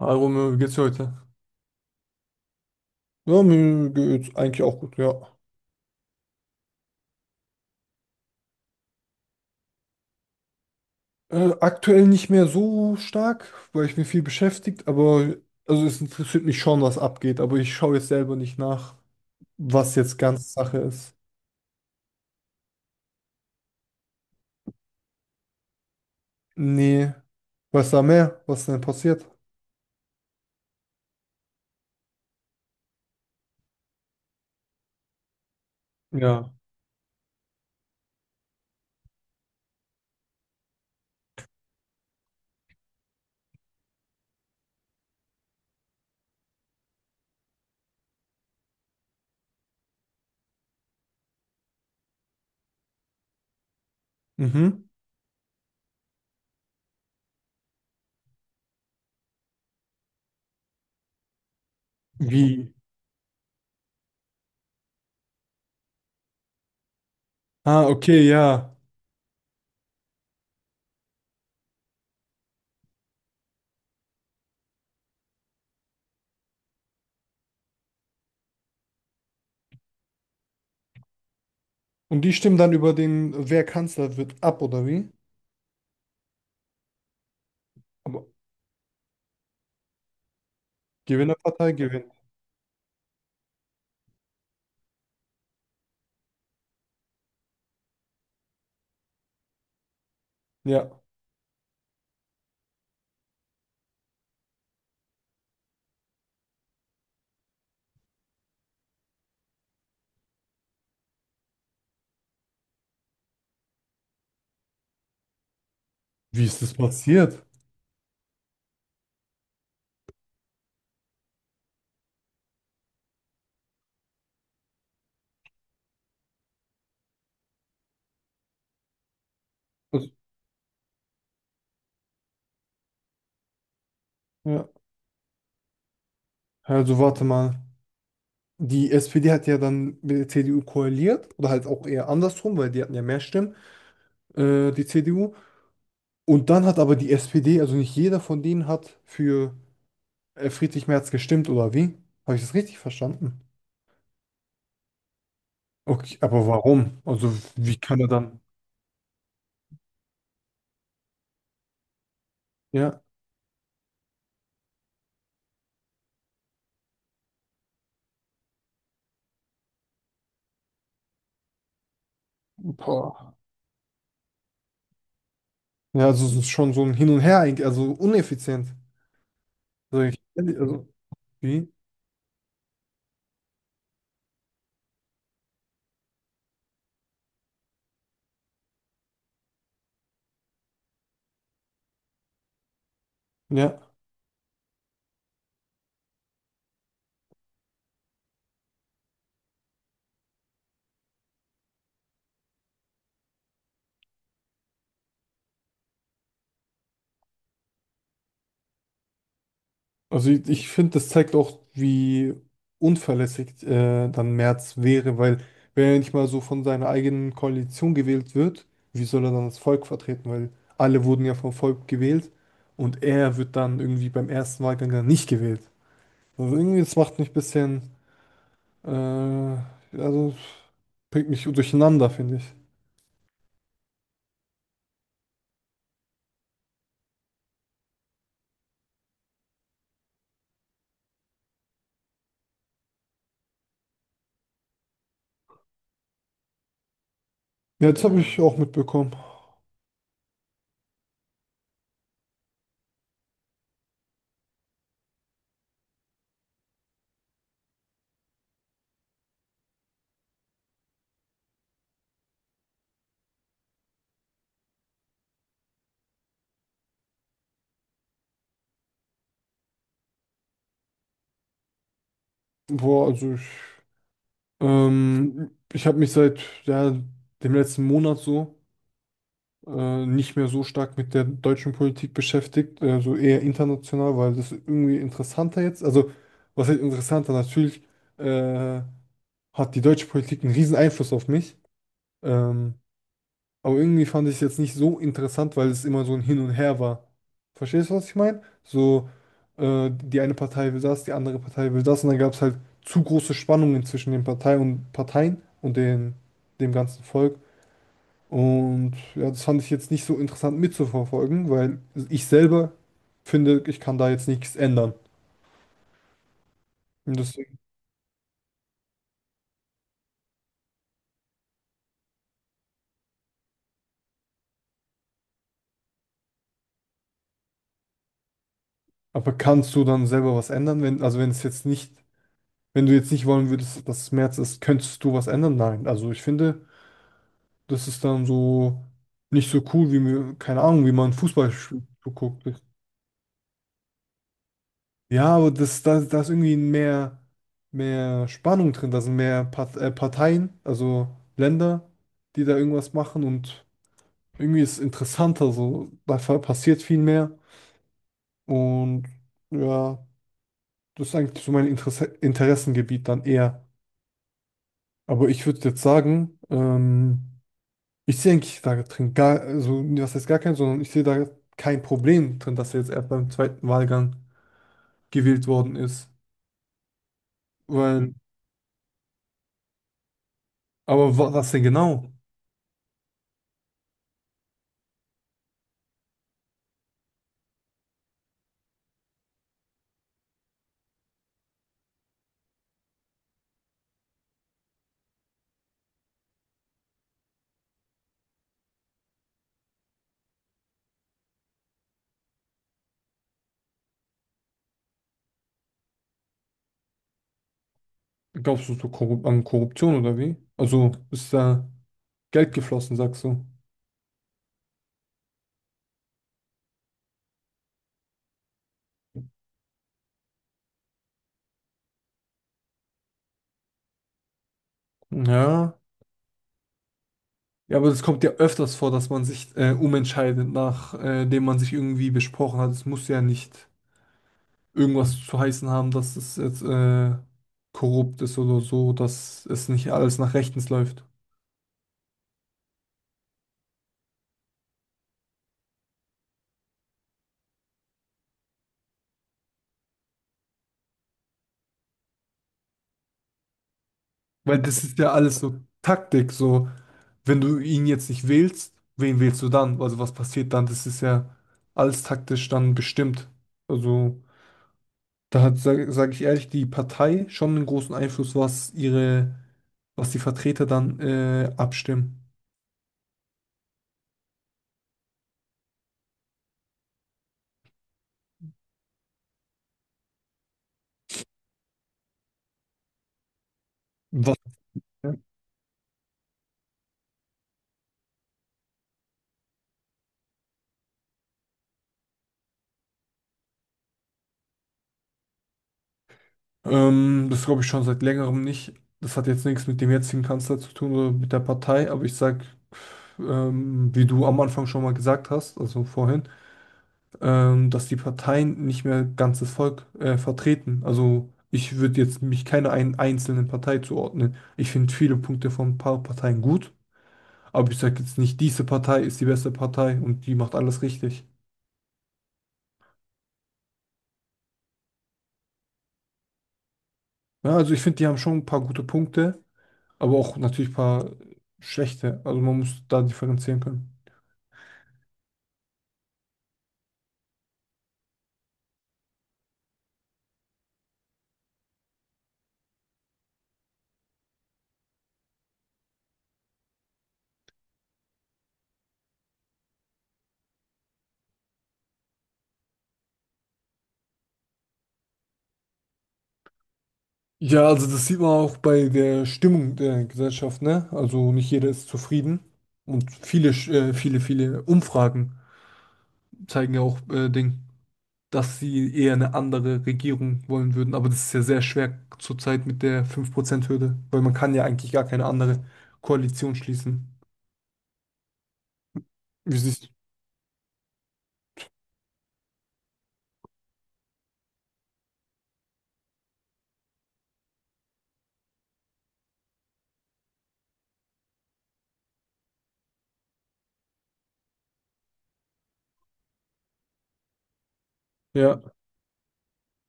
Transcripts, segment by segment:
Hi Romeo, wie geht's dir heute? Ja, mir geht's eigentlich auch gut, ja. Aktuell nicht mehr so stark, weil ich mir viel beschäftigt, aber also es interessiert mich schon, was abgeht, aber ich schaue jetzt selber nicht nach, was jetzt ganz Sache ist. Nee. Was da mehr? Was denn passiert? Ja. Mhm. Wie? Ah, okay, ja. Und die stimmen dann über den, wer Kanzler wird, ab, oder wie? Aber Gewinnerpartei gewinnt. Ja. Wie ist das passiert? Also, ja. Also warte mal. Die SPD hat ja dann mit der CDU koaliert oder halt auch eher andersrum, weil die hatten ja mehr Stimmen, die CDU. Und dann hat aber die SPD, also nicht jeder von denen hat für Friedrich Merz gestimmt oder wie? Habe ich das richtig verstanden? Okay, aber warum? Also wie kann er dann? Ja, boah. Ja, also es ist schon so ein Hin und Her, eigentlich, also uneffizient. Also, ich, also wie? Ja. Also ich finde, das zeigt auch, wie unverlässig dann Merz wäre, weil wenn er nicht mal so von seiner eigenen Koalition gewählt wird, wie soll er dann das Volk vertreten? Weil alle wurden ja vom Volk gewählt und er wird dann irgendwie beim ersten Wahlgang dann nicht gewählt. Also irgendwie, das macht mich ein bisschen, also bringt mich durcheinander, finde ich. Ja, das habe ich mhm auch mitbekommen. Boah, also ich, ich habe mich seit ja, dem letzten Monat so nicht mehr so stark mit der deutschen Politik beschäftigt, so eher international, weil das irgendwie interessanter jetzt. Also, was heißt interessanter? Natürlich äh, hat die deutsche Politik einen riesen Einfluss auf mich. Ähm, aber irgendwie fand ich es jetzt nicht so interessant, weil es immer so ein Hin und Her war. Verstehst du, was ich meine? Die eine Partei will das, die andere Partei will das und dann gab es halt zu große Spannungen zwischen den Parteien und Parteien und dem ganzen Volk. Und ja, das fand ich jetzt nicht so interessant mitzuverfolgen, weil ich selber finde, ich kann da jetzt nichts ändern. Und deswegen, aber kannst du dann selber was ändern, wenn, also wenn es jetzt nicht, wenn du jetzt nicht wollen würdest, dass es März ist, könntest du was ändern? Nein. Also ich finde, das ist dann so nicht so cool, wie mir, keine Ahnung, wie man Fußball sch- guckt. Ja, aber da ist irgendwie mehr Spannung drin, da sind mehr Parteien, also Länder, die da irgendwas machen und irgendwie ist es interessanter, so da passiert viel mehr und ja, das ist eigentlich so mein Interessengebiet dann eher. Aber ich würde jetzt sagen, ich sehe eigentlich da drin gar, also was heißt gar kein, sondern ich sehe da kein Problem drin, dass er jetzt erst beim zweiten Wahlgang gewählt worden ist. Weil, aber wa was denn genau? Glaubst du so korrup an Korruption oder wie? Also ist da Geld geflossen, sagst du? Ja. Ja, aber es kommt ja öfters vor, dass man sich umentscheidet, nachdem man sich irgendwie besprochen hat. Es muss ja nicht irgendwas zu heißen haben, dass es jetzt korrupt ist oder so, dass es nicht alles nach rechtens läuft. Weil das ist ja alles so Taktik, so wenn du ihn jetzt nicht wählst, wen wählst du dann? Also was passiert dann? Das ist ja alles taktisch dann bestimmt. Also da hat, sag ich ehrlich, die Partei schon einen großen Einfluss, was was die Vertreter dann abstimmen. Ja. Das glaube ich schon seit längerem nicht. Das hat jetzt nichts mit dem jetzigen Kanzler zu tun oder mit der Partei, aber ich sag, wie du am Anfang schon mal gesagt hast, also vorhin, dass die Parteien nicht mehr ganzes Volk vertreten. Also ich würde jetzt mich keiner einen einzelnen Partei zuordnen. Ich finde viele Punkte von ein paar Parteien gut, aber ich sage jetzt nicht, diese Partei ist die beste Partei und die macht alles richtig. Ja, also ich finde, die haben schon ein paar gute Punkte, aber auch natürlich ein paar schlechte. Also man muss da differenzieren können. Ja, also das sieht man auch bei der Stimmung der Gesellschaft, ne? Also nicht jeder ist zufrieden. Und viele Umfragen zeigen ja auch Ding, dass sie eher eine andere Regierung wollen würden. Aber das ist ja sehr schwer zurzeit mit der 5% hürde weil man kann ja eigentlich gar keine andere Koalition schließen. Wie siehst du? Ja,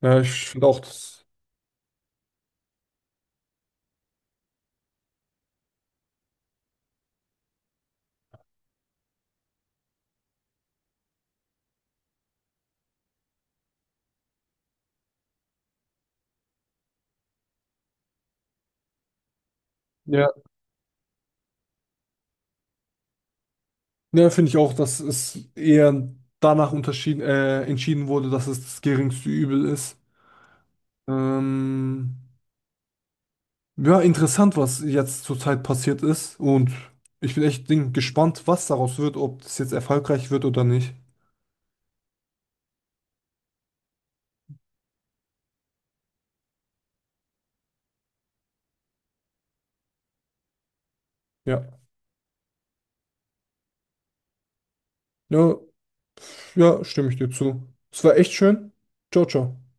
ja, ich finde auch das. Ja. Ja, finde ich auch, dass es eher danach entschieden wurde, dass es das geringste Übel ist. Ähm, ja, interessant, was jetzt zurzeit passiert ist. Und ich bin echt gespannt, was daraus wird, ob das jetzt erfolgreich wird oder nicht. Ja. Ja, ja, stimme ich dir zu. Es war echt schön. Ciao, ciao.